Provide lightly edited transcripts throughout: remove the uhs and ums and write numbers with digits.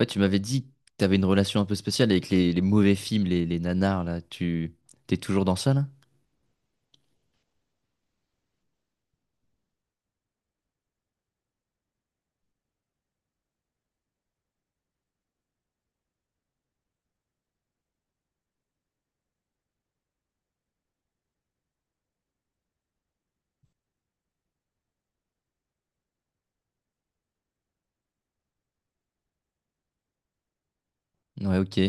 Ouais, tu m'avais dit que tu avais une relation un peu spéciale avec les mauvais films, les nanars, là. Tu t'es toujours dans ça, là? Ouais, ok.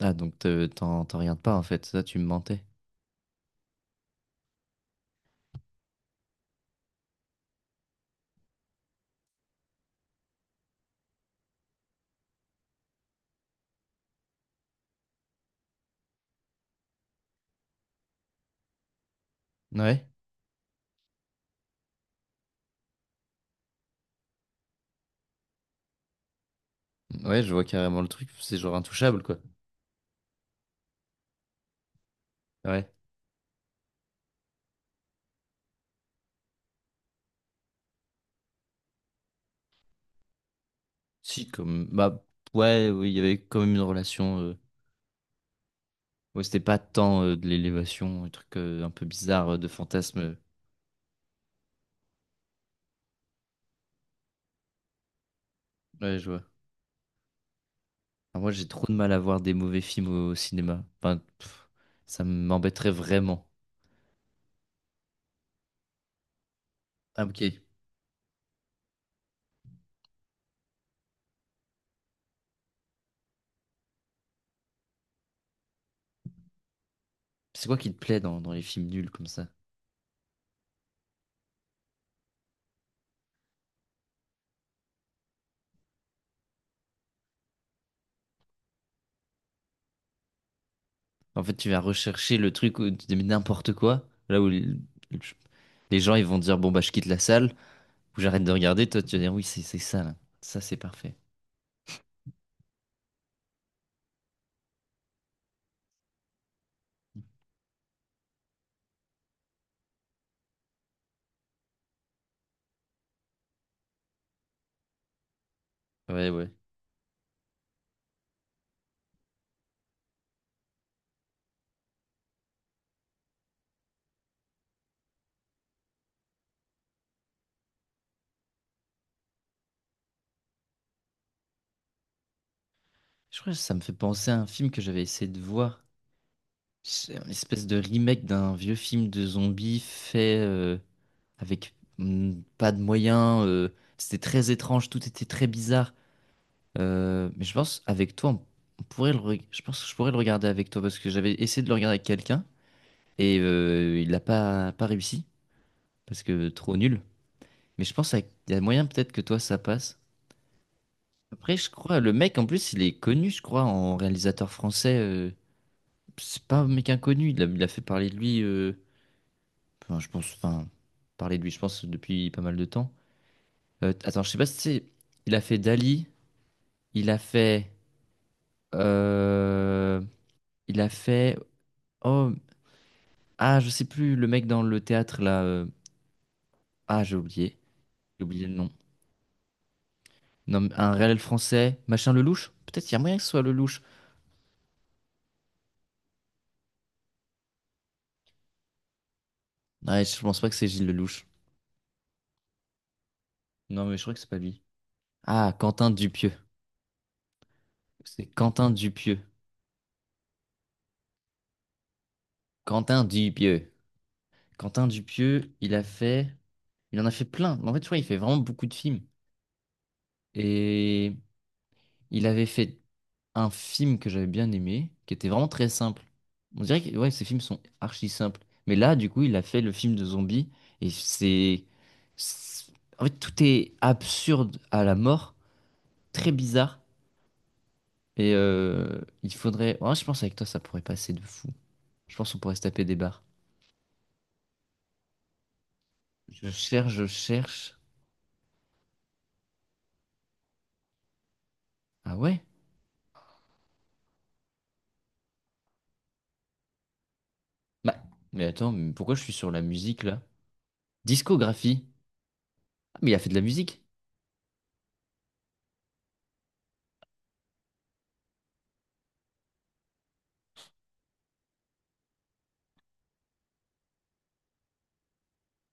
Ah, donc t'en regardes pas, en fait. Ça, tu me mentais. Ouais. Ouais, je vois carrément le truc. C'est genre intouchable, quoi. Ouais. Si, comme. Bah, ouais, oui, il y avait quand même une relation. Ouais, c'était pas tant de l'élévation, un truc un peu bizarre de fantasme. Ouais, je vois. Alors moi, j'ai trop de mal à voir des mauvais films au cinéma. Enfin, ça m'embêterait vraiment. Ah, ok. C'est quoi qui te plaît dans les films nuls comme ça? En fait, tu vas rechercher le truc où tu dis mais n'importe quoi, là où les gens ils vont dire bon bah je quitte la salle ou j'arrête de regarder, toi tu vas dire oui c'est ça là, ça c'est parfait. Ouais ouais. Je crois que ça me fait penser à un film que j'avais essayé de voir. C'est une espèce de remake d'un vieux film de zombies fait avec pas de moyens. C'était très étrange, tout était très bizarre. Mais je pense avec toi, on pourrait je pense que je pourrais le regarder avec toi parce que j'avais essayé de le regarder avec quelqu'un et il n'a pas réussi parce que trop nul. Mais je pense il y a moyen peut-être que toi ça passe. Après, je crois, le mec en plus, il est connu, je crois, en réalisateur français. C'est pas un mec inconnu, il a fait parler de lui. Enfin, je pense, enfin, parler de lui, je pense, depuis pas mal de temps. Attends, je sais pas si c'est. Il a fait Dali, il a fait. euh, il a fait. Oh, ah, je sais plus, le mec dans le théâtre là. Ah, j'ai oublié. J'ai oublié le nom. Non, mais un réel français, machin Lelouch? Peut-être qu'il y a moyen que ce soit Lelouch. Ouais, je pense pas que c'est Gilles Lelouch. Non, mais je crois que c'est pas lui. Ah, Quentin Dupieux. C'est Quentin Dupieux. Quentin Dupieux. Quentin Dupieux, il a fait. Il en a fait plein. Mais en fait, tu vois, il fait vraiment beaucoup de films. Et il avait fait un film que j'avais bien aimé, qui était vraiment très simple. On dirait que ouais, ces films sont archi simples. Mais là, du coup, il a fait le film de zombie. Et c'est- en fait, tout est absurde à la mort, très bizarre. Et il faudrait. Ouais, je pense avec toi, ça pourrait passer de fou. Je pense qu'on pourrait se taper des barres. Je cherche, je cherche. Ah ouais? Bah, mais attends, mais pourquoi je suis sur la musique là? Discographie. Ah, mais il a fait de la musique.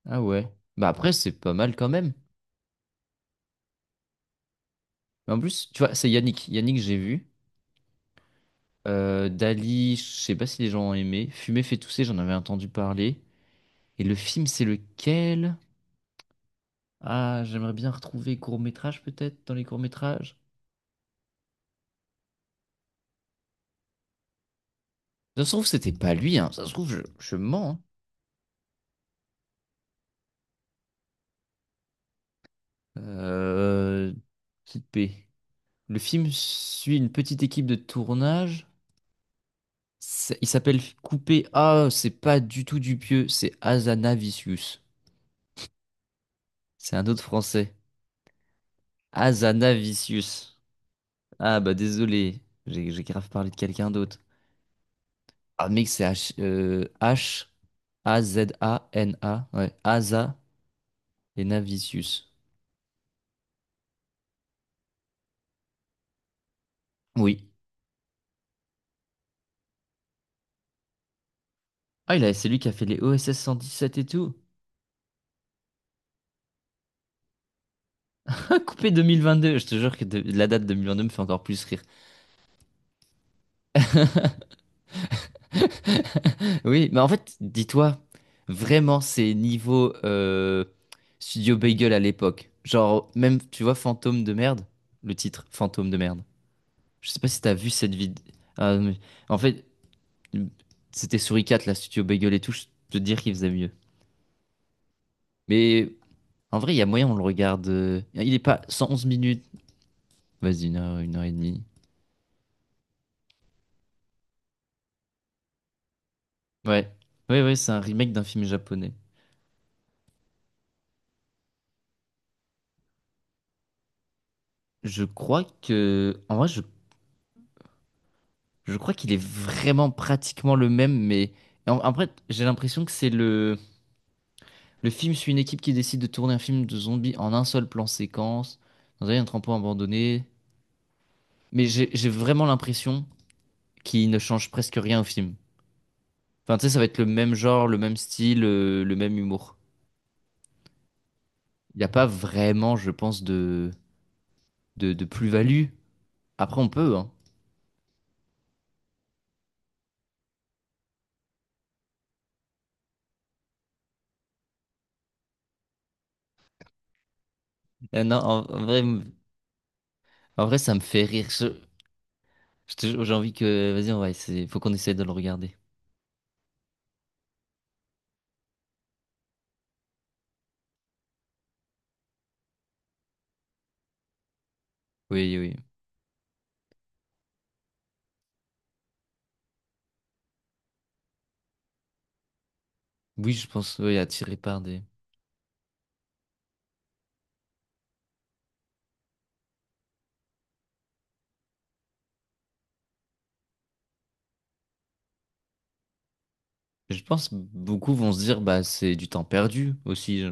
Ah ouais. Bah après, c'est pas mal quand même. Mais en plus, tu vois, c'est Yannick. Yannick, j'ai vu. Dali, je sais pas si les gens ont aimé. Fumer fait tousser, j'en avais entendu parler. Et le film, c'est lequel? Ah, j'aimerais bien retrouver court-métrage peut-être dans les courts-métrages. Ça se trouve, c'était pas lui, hein. Ça se trouve, je mens. Hein. Euh, Petite paix. Le film suit une petite équipe de tournage. Il s'appelle Coupé. Ah, c'est pas du tout Dupieux, c'est Azanavicius. C'est un autre français. Azanavicius. Ah bah désolé, j'ai grave parlé de quelqu'un d'autre. Ah mec, c'est H, Hazana, ouais, Asa et Navicius. Oui. Ah il a, c'est lui qui a fait les OSS 117 et tout. Coupé 2022, je te jure que la date 2022 me fait encore plus rire. Oui, mais en fait, dis-toi, vraiment, c'est niveau Studio Bagel à l'époque. Genre, même, tu vois, Fantôme de merde, le titre, Fantôme de merde. Je sais pas si t'as vu cette vidéo. En fait, c'était Souricat, la Studio Bagel et tout. Je peux te dire qu'il faisait mieux. Mais en vrai, il y a moyen, on le regarde. Il est pas 111 minutes. Vas-y, une heure et demie. Ouais. Ouais, ouais, c'est un remake d'un film japonais. Je crois que. En vrai, je crois qu'il est vraiment pratiquement le même, mais. Après, j'ai l'impression que c'est le. Le film suit une équipe qui décide de tourner un film de zombies en un seul plan séquence, dans un entrepôt abandonné. Mais j'ai vraiment l'impression qui ne change presque rien au film. Enfin, tu sais, ça va être le même genre, le même style, le même humour. Il n'y a pas vraiment, je pense, de plus-value. Après, on peut, hein. Non, en vrai, ça me fait rire. Je te J'ai envie que. Vas-y, on va essayer. Faut qu'on essaye de le regarder. Oui, oui. Oui, je pense, oui, attiré par des. Je pense beaucoup vont se dire, bah, c'est du temps perdu aussi.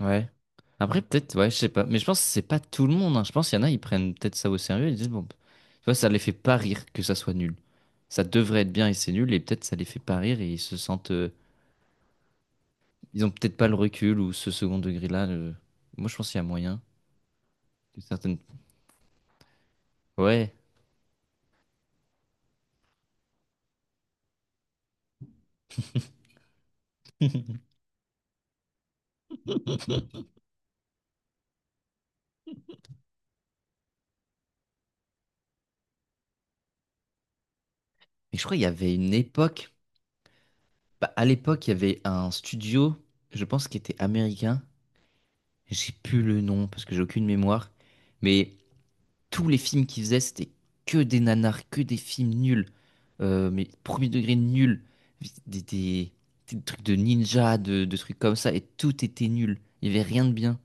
Ouais. Après, peut-être, ouais, je sais pas. Mais je pense que c'est pas tout le monde. Hein. Je pense qu'il y en a, ils prennent peut-être ça au sérieux. Ils disent, bon, tu vois, ça les fait pas rire que ça soit nul. Ça devrait être bien et c'est nul. Et peut-être ça les fait pas rire et ils se sentent. Ils ont peut-être pas le recul ou ce second degré-là. Moi, je pense qu'il y a moyen. Que certaines. Ouais. Mais je crois qu'il y avait une époque. Bah, à l'époque, il y avait un studio, je pense, qui était américain. J'ai plus le nom parce que j'ai aucune mémoire. Mais tous les films qu'il faisait, c'était que des nanars, que des films nuls. Mais premier degré nul. Des, des- des trucs de ninja, de trucs comme ça. Et tout était nul. Il n'y avait rien de bien.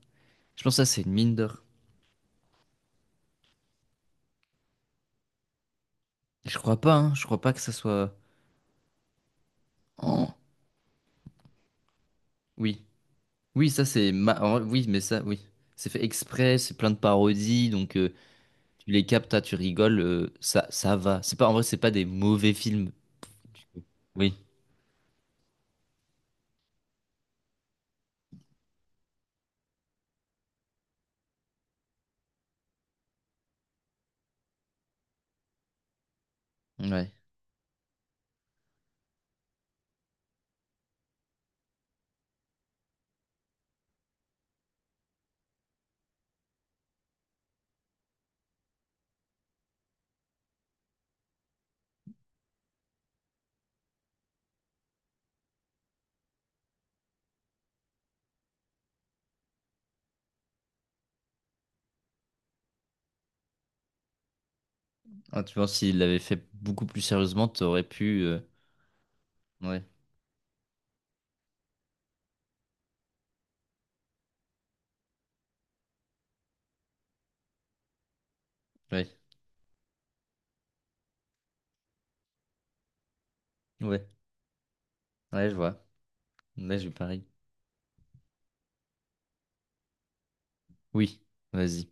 Je pense que ça, c'est une mine d'or. Et je crois pas, hein. Je crois pas que ça soit. Oh, oui. Oui, ça, c'est. En vrai, oui, mais ça, oui. C'est fait exprès, c'est plein de parodies. Donc, tu les captes, ah, tu rigoles. Ça, ça va. C'est pas, en vrai, c'est pas des mauvais films. Oui. Ouais. Ah, tu vois, s'il l'avait fait beaucoup plus sérieusement, t'aurais pu. Ouais, ouais, ouais, ouais, je vois. Ouais, je parie. Oui, vas-y.